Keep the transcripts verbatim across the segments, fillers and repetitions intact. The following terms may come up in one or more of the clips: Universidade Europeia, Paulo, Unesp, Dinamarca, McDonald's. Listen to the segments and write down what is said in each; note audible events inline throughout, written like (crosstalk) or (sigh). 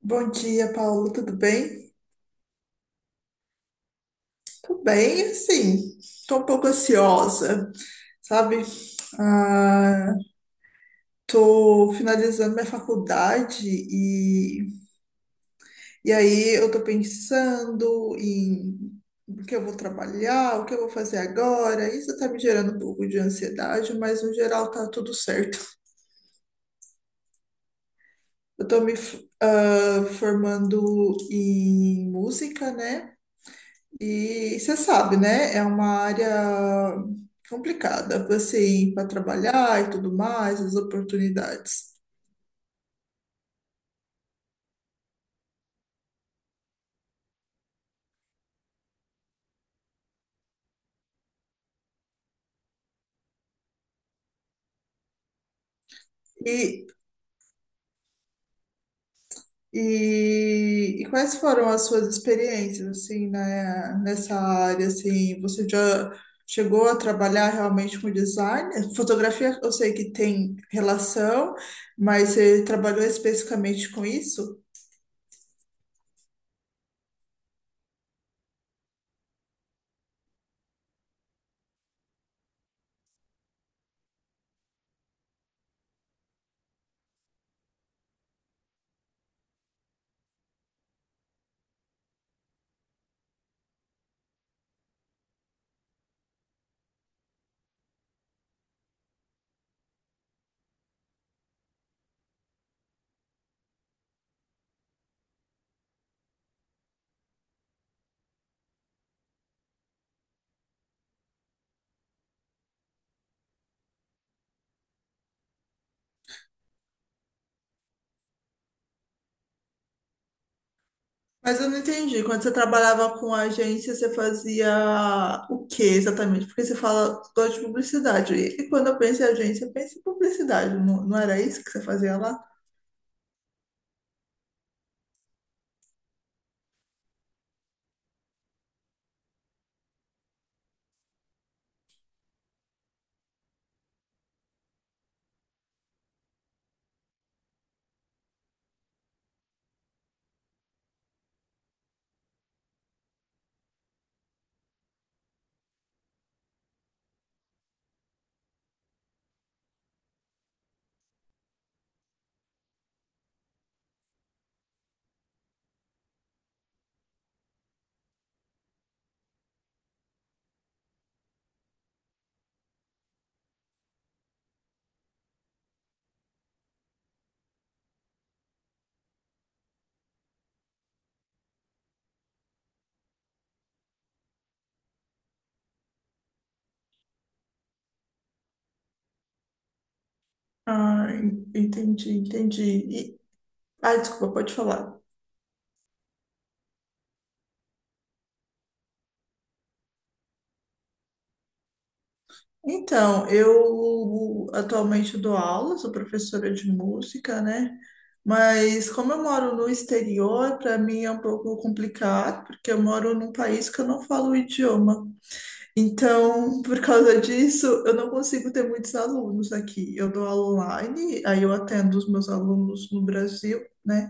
Bom dia, Paulo. Tudo bem? Tudo bem, assim, tô um pouco ansiosa, sabe? Ah, tô finalizando minha faculdade e, e aí eu tô pensando em o que eu vou trabalhar, o que eu vou fazer agora. Isso tá me gerando um pouco de ansiedade, mas no geral tá tudo certo. Eu tô me f- ah, formando em música, né? E você sabe, né? É uma área complicada você ir para trabalhar e tudo mais, as oportunidades. E, e, e quais foram as suas experiências, assim, na nessa área, assim, você já chegou a trabalhar realmente com design? Fotografia, eu sei que tem relação, mas você trabalhou especificamente com isso? Mas eu não entendi. Quando você trabalhava com agência, você fazia o que exatamente? Porque você fala, gosto de publicidade. E quando eu penso em agência, eu penso em publicidade. Não, não era isso que você fazia lá? Ah, en- entendi, entendi. E- ah, desculpa, pode falar. Então, eu atualmente dou aula, sou professora de música, né? Mas como eu moro no exterior, para mim é um pouco complicado, porque eu moro num país que eu não falo o idioma. Então, por causa disso, eu não consigo ter muitos alunos aqui. Eu dou aula online, aí eu atendo os meus alunos no Brasil, né?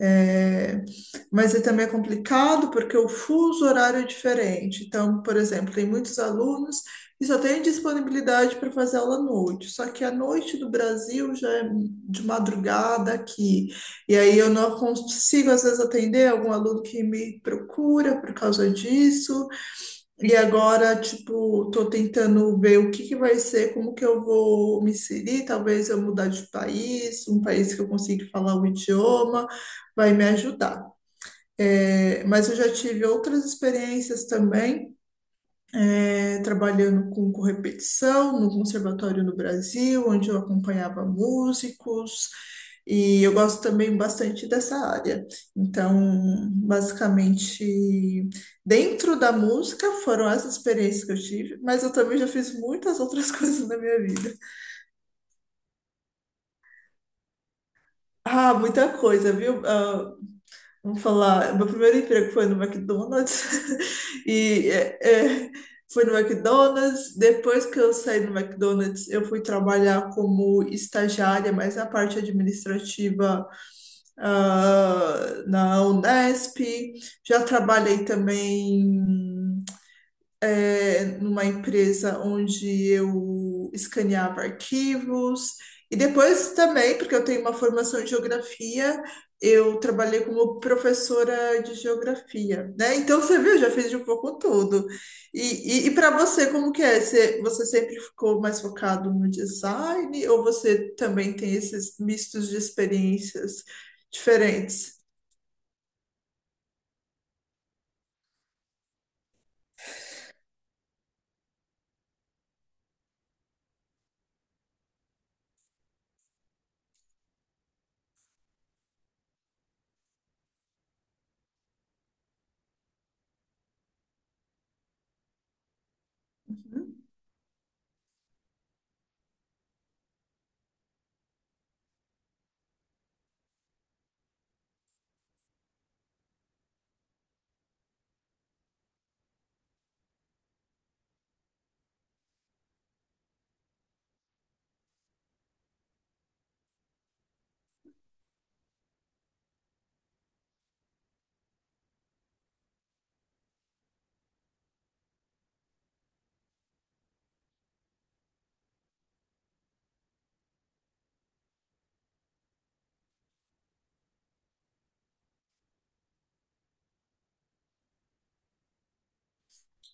É, mas aí também é complicado porque o fuso horário é diferente. Então, por exemplo, tem muitos alunos e só tem disponibilidade para fazer aula à noite. Só que a noite do Brasil já é de madrugada aqui. E aí eu não consigo, às vezes, atender algum aluno que me procura por causa disso. E agora, tipo, tô tentando ver o que que vai ser, como que eu vou me inserir, talvez eu mudar de país, um país que eu consiga falar o idioma, vai me ajudar. É, mas eu já tive outras experiências também é, trabalhando com correpetição no conservatório no Brasil, onde eu acompanhava músicos, e eu gosto também bastante dessa área. Então, basicamente, dentro da música foram essas experiências que eu tive, mas eu também já fiz muitas outras (laughs) coisas na minha vida. Ah, muita coisa, viu? Ah, Vamos falar, meu primeiro emprego foi no McDonald's (laughs) e é, é, foi no McDonald's. Depois que eu saí do McDonald's, eu fui trabalhar como estagiária, mas na parte administrativa, ah, na Unesp. Já trabalhei também é, numa empresa onde eu escaneava arquivos. E depois também, porque eu tenho uma formação em geografia, eu trabalhei como professora de geografia, né? Então você viu, eu já fiz de um pouco tudo. E, e, e para você, como que é? Você, você sempre ficou mais focado no design ou você também tem esses mistos de experiências diferentes? Uhum.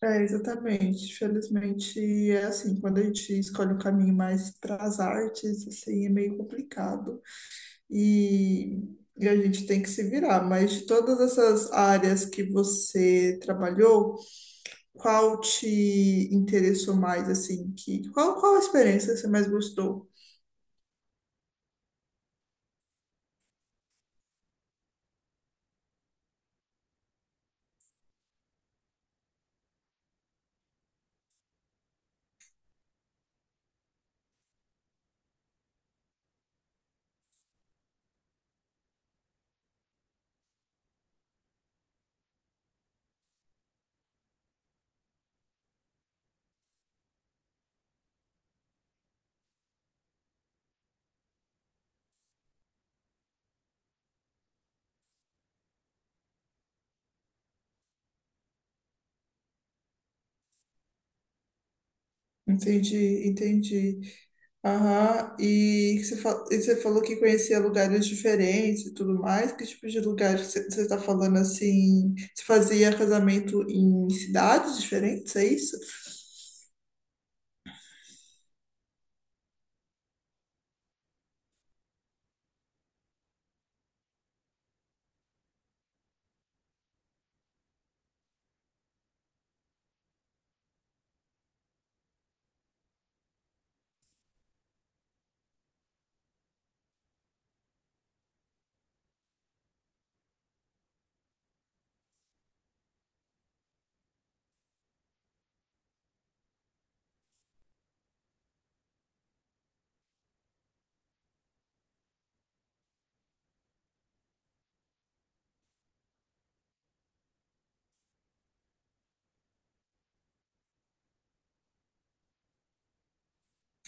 É, exatamente. Felizmente é assim, quando a gente escolhe um caminho mais para as artes, assim, é meio complicado e, e a gente tem que se virar. Mas de todas essas áreas que você trabalhou, qual te interessou mais, assim, que qual, qual a experiência que você mais gostou? Entendi, entendi. Aham. E, que você fa- e você falou que conhecia lugares diferentes e tudo mais. Que tipo de lugares que você está falando assim? Você fazia casamento em cidades diferentes, é isso?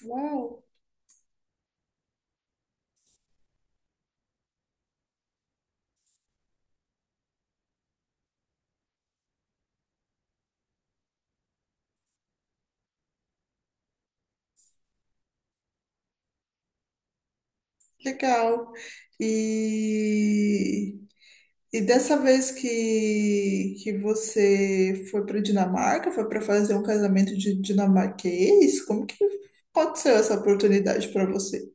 Uau, legal. E, e dessa vez que, que você foi para Dinamarca, foi para fazer um casamento de dinamarquês? Como que aconteceu essa oportunidade para você?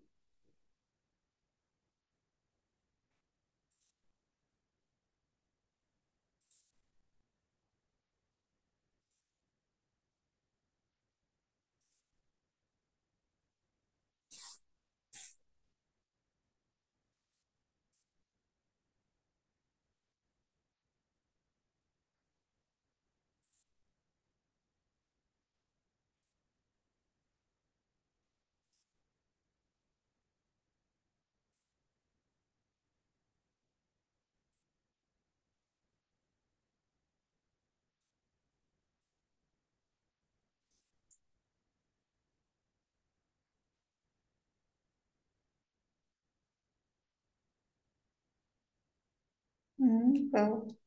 Hum, legal.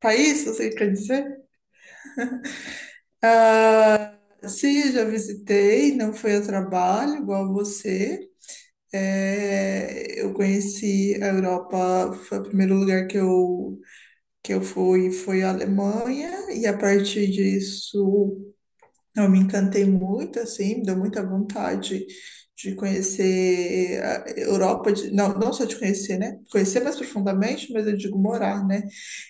País, você quer dizer? Ah, sim, já visitei, não foi a trabalho, igual você. É, eu conheci a Europa, foi o primeiro lugar que eu, que eu fui, foi a Alemanha, e a partir disso. Eu me encantei muito, assim, deu muita vontade de conhecer a Europa, de- não, não só de conhecer, né? Conhecer mais profundamente, mas eu digo morar, né?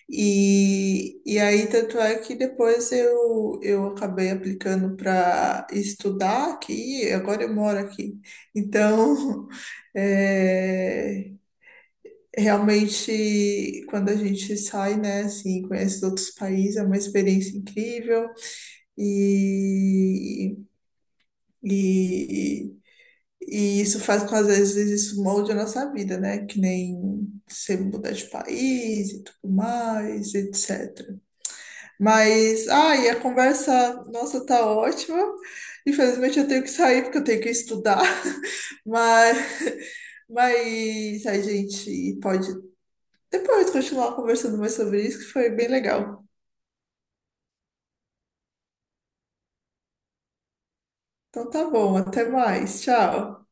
E, e aí, tanto é que depois eu, eu acabei aplicando para estudar aqui, e agora eu moro aqui. Então, (laughs) é, realmente, quando a gente sai, né, assim, conhece outros países, é uma experiência incrível. E e, e isso faz com que, às vezes, isso molde a nossa vida, né? Que nem você mudar de país e tudo mais, etcétera. Mas, ai, a conversa, nossa, tá ótima. Infelizmente, eu tenho que sair porque eu tenho que estudar. (laughs) Mas, mas a gente pode depois continuar conversando mais sobre isso, que foi bem legal. Então, tá bom, até mais. Tchau.